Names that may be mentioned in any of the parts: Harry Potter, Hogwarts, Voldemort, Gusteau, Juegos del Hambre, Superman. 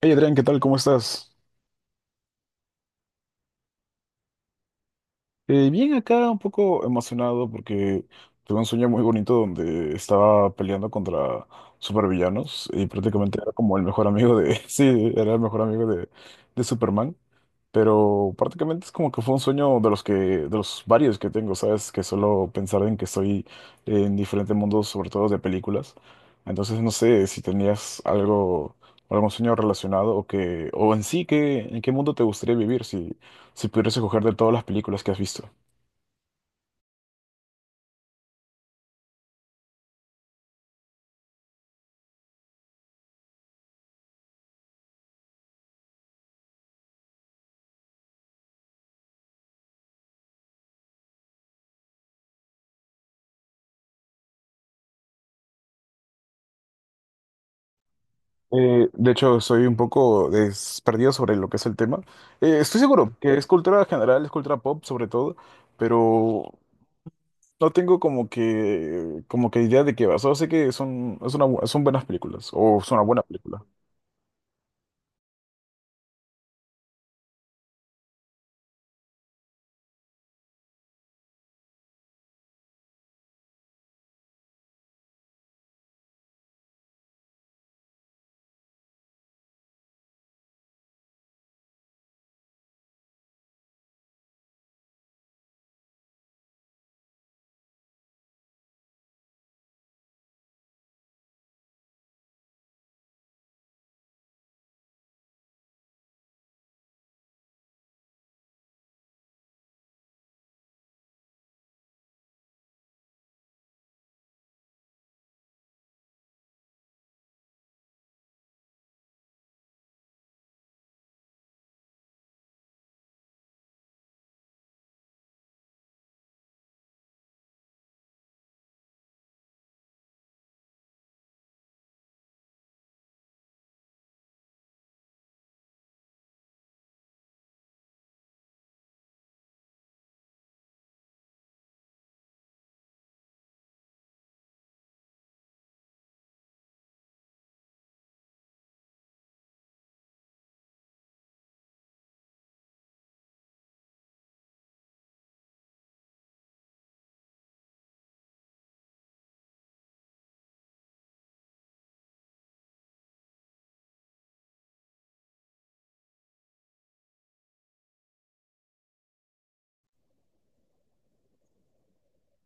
Hey Adrián, ¿qué tal? ¿Cómo estás? Bien acá, un poco emocionado porque tuve un sueño muy bonito donde estaba peleando contra supervillanos y prácticamente era como el mejor amigo de... Sí, era el mejor amigo de Superman, pero prácticamente es como que fue un sueño de los varios que tengo, ¿sabes? Que solo pensar en que estoy en diferentes mundos, sobre todo de películas. Entonces no sé si tenías algo... algún sueño relacionado o en sí, que, ¿en qué mundo te gustaría vivir si, si pudieras escoger de todas las películas que has visto? De hecho, soy un poco perdido sobre lo que es el tema. Estoy seguro que es cultura general, es cultura pop sobre todo, pero no tengo como que idea de qué va. Solo sé que son, es una son buenas películas, o son una buena película.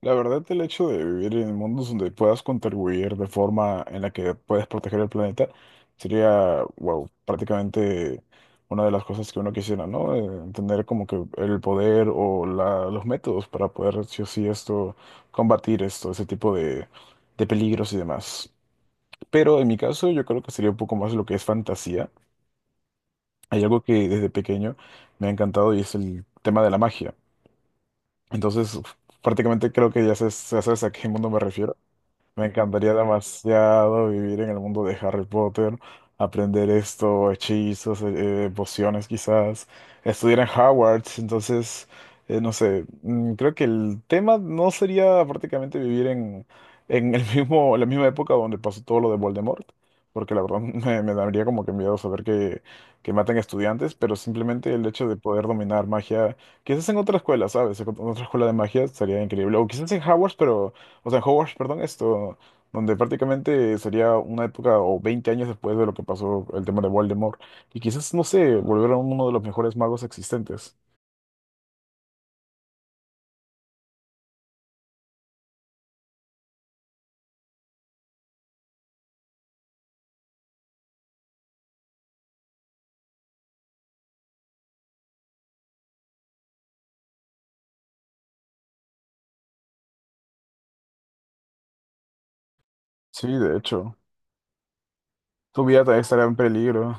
La verdad, el hecho de vivir en mundos donde puedas contribuir de forma en la que puedes proteger el planeta sería, wow, prácticamente una de las cosas que uno quisiera, ¿no? Tener como que el poder o los métodos para poder, sí o sí, esto, combatir esto, ese tipo de peligros y demás. Pero en mi caso, yo creo que sería un poco más lo que es fantasía. Hay algo que desde pequeño me ha encantado, y es el tema de la magia. Entonces, prácticamente creo que ya sabes a qué mundo me refiero. Me encantaría demasiado vivir en el mundo de Harry Potter, aprender esto, hechizos, pociones quizás, estudiar en Hogwarts, entonces, no sé, creo que el tema no sería prácticamente vivir en el mismo, la misma época donde pasó todo lo de Voldemort, porque la verdad me daría como que miedo saber que matan estudiantes, pero simplemente el hecho de poder dominar magia, quizás en otra escuela, ¿sabes? En otra escuela de magia estaría increíble, o quizás en Hogwarts, pero... O sea, en Hogwarts, perdón, esto, donde prácticamente sería una época o 20 años después de lo que pasó el tema de Voldemort. Y quizás, no sé, volver a uno de los mejores magos existentes. Sí, de hecho. Tu vida también estaría en peligro.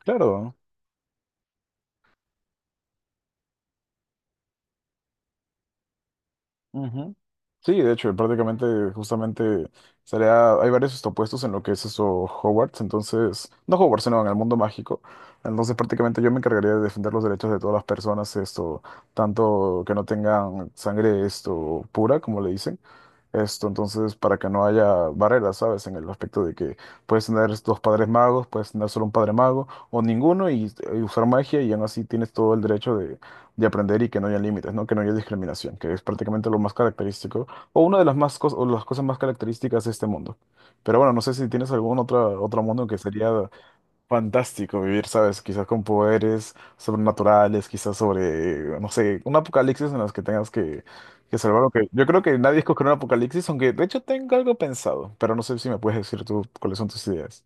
Claro. Ujú. Sí, de hecho, prácticamente, justamente, estaría, hay varios opuestos en lo que es eso Hogwarts, entonces, no Hogwarts, sino en el mundo mágico. Entonces, prácticamente yo me encargaría de defender los derechos de todas las personas, esto, tanto que no tengan sangre esto pura, como le dicen. Esto, entonces, para que no haya barreras, ¿sabes? En el aspecto de que puedes tener dos padres magos, puedes tener solo un padre mago o ninguno y usar magia y aún así tienes todo el derecho de aprender y que no haya límites, ¿no? Que no haya discriminación, que es prácticamente lo más característico o una de las más cos- o las cosas más características de este mundo. Pero bueno, no sé si tienes algún otro mundo que sería fantástico vivir, ¿sabes? Quizás con poderes sobrenaturales, quizás sobre, no sé, un apocalipsis en los que tengas que salvar. Yo creo que nadie escogerá un apocalipsis, aunque de hecho tengo algo pensado, pero no sé si me puedes decir tú cuáles son tus ideas.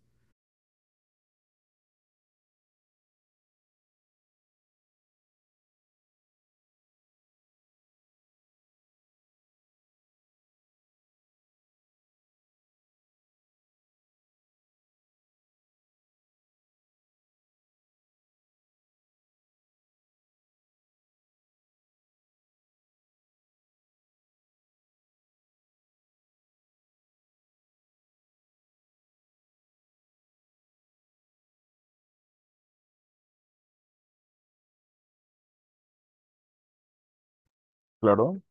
Claro,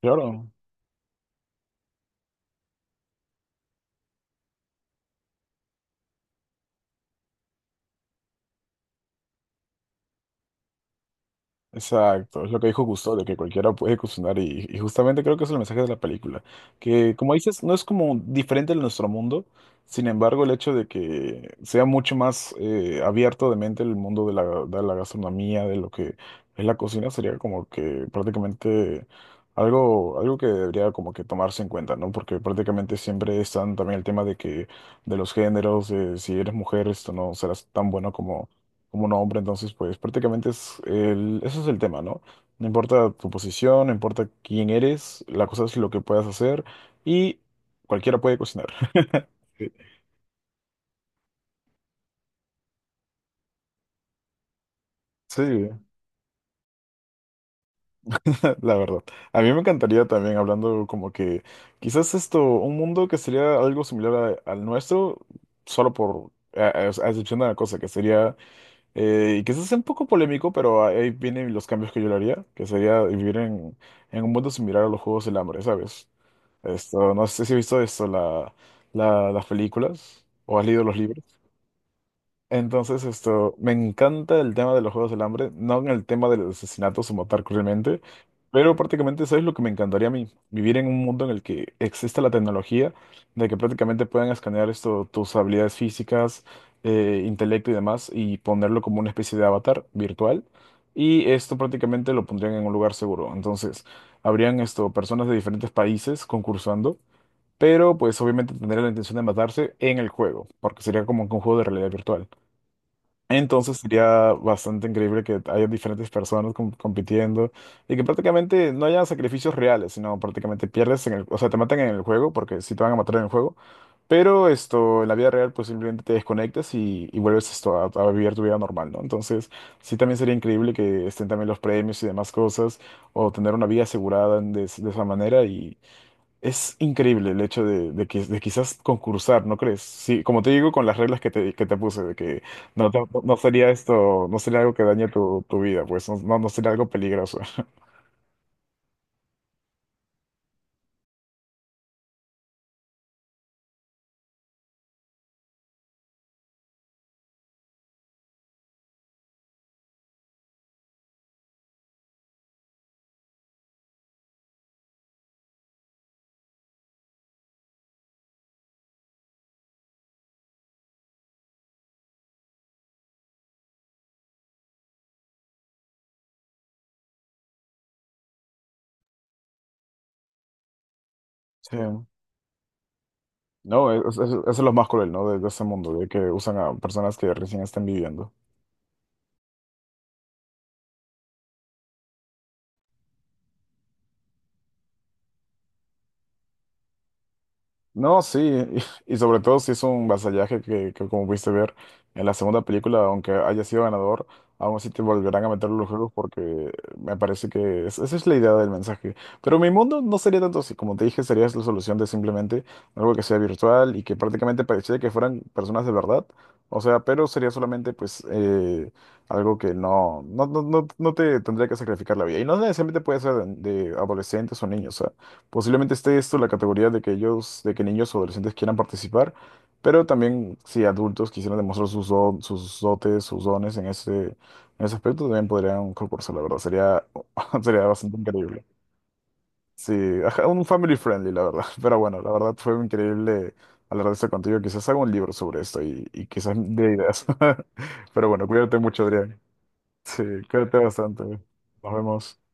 claro. Exacto, es lo que dijo Gusteau, de que cualquiera puede cocinar y justamente creo que es el mensaje de la película, que como dices, no es como diferente de nuestro mundo, sin embargo el hecho de que sea mucho más abierto de mente el mundo de de la gastronomía, de lo que es la cocina, sería como que prácticamente algo, algo que debería como que tomarse en cuenta, ¿no? Porque prácticamente siempre están también el tema de que de los géneros, de si eres mujer, esto no serás tan bueno como un hombre, entonces pues prácticamente es el, eso es el tema, ¿no? No importa tu posición, no importa quién eres, la cosa es lo que puedas hacer y cualquiera puede cocinar. Sí, sí, la verdad. A mí me encantaría también hablando como que quizás esto, un mundo que sería algo similar al nuestro, solo por, a excepción de una cosa, que sería, y quizás sea un poco polémico, pero ahí vienen los cambios que yo le haría, que sería vivir en un mundo similar a los Juegos del Hambre, ¿sabes? Esto, no sé si has visto esto, las películas o has leído los libros. Entonces, esto, me encanta el tema de los Juegos del Hambre, no en el tema de los asesinatos o matar cruelmente, pero prácticamente eso es lo que me encantaría a mí, vivir en un mundo en el que exista la tecnología, de que prácticamente puedan escanear esto, tus habilidades físicas, intelecto y demás, y ponerlo como una especie de avatar virtual. Y esto prácticamente lo pondrían en un lugar seguro. Entonces, habrían esto, personas de diferentes países concursando, pero pues obviamente tendría la intención de matarse en el juego, porque sería como que un juego de realidad virtual. Entonces sería bastante increíble que haya diferentes personas compitiendo y que prácticamente no haya sacrificios reales, sino prácticamente pierdes en el, o sea, te matan en el juego, porque si te van a matar en el juego, pero esto, en la vida real, pues simplemente te desconectas y vuelves esto a vivir tu vida normal, ¿no? Entonces, sí también sería increíble que estén también los premios y demás cosas, o tener una vida asegurada de esa manera es increíble el hecho de de quizás concursar, ¿no crees? Sí, como te digo, con las reglas que te puse, de que no, no sería esto, no sería algo que dañe tu, tu vida, pues no, no sería algo peligroso. Sí. No, eso es lo más cruel, ¿no? De ese mundo, de que usan a personas que recién están viviendo. No, sí, y sobre todo si es un vasallaje que como pudiste ver en la segunda película, aunque haya sido ganador, aún así te volverán a meter los juegos porque me parece que esa es la idea del mensaje. Pero mi mundo no sería tanto así, como te dije, sería la solución de simplemente algo que sea virtual y que prácticamente pareciera que fueran personas de verdad. O sea, pero sería solamente pues algo que no, no te tendría que sacrificar la vida. Y no necesariamente puede ser de adolescentes o niños. Posiblemente esté esto en la categoría de que ellos, de que niños o adolescentes quieran participar, pero también si adultos quisieran demostrar sus, sus dotes, sus dones en ese aspecto, también podrían concursar, la verdad. Sería, sería bastante increíble. Sí, ajá, un family friendly, la verdad. Pero bueno, la verdad fue increíble hablar de esto contigo. Quizás haga un libro sobre esto y quizás de ideas. Pero bueno, cuídate mucho, Adrián. Sí, cuídate bastante. Nos vemos.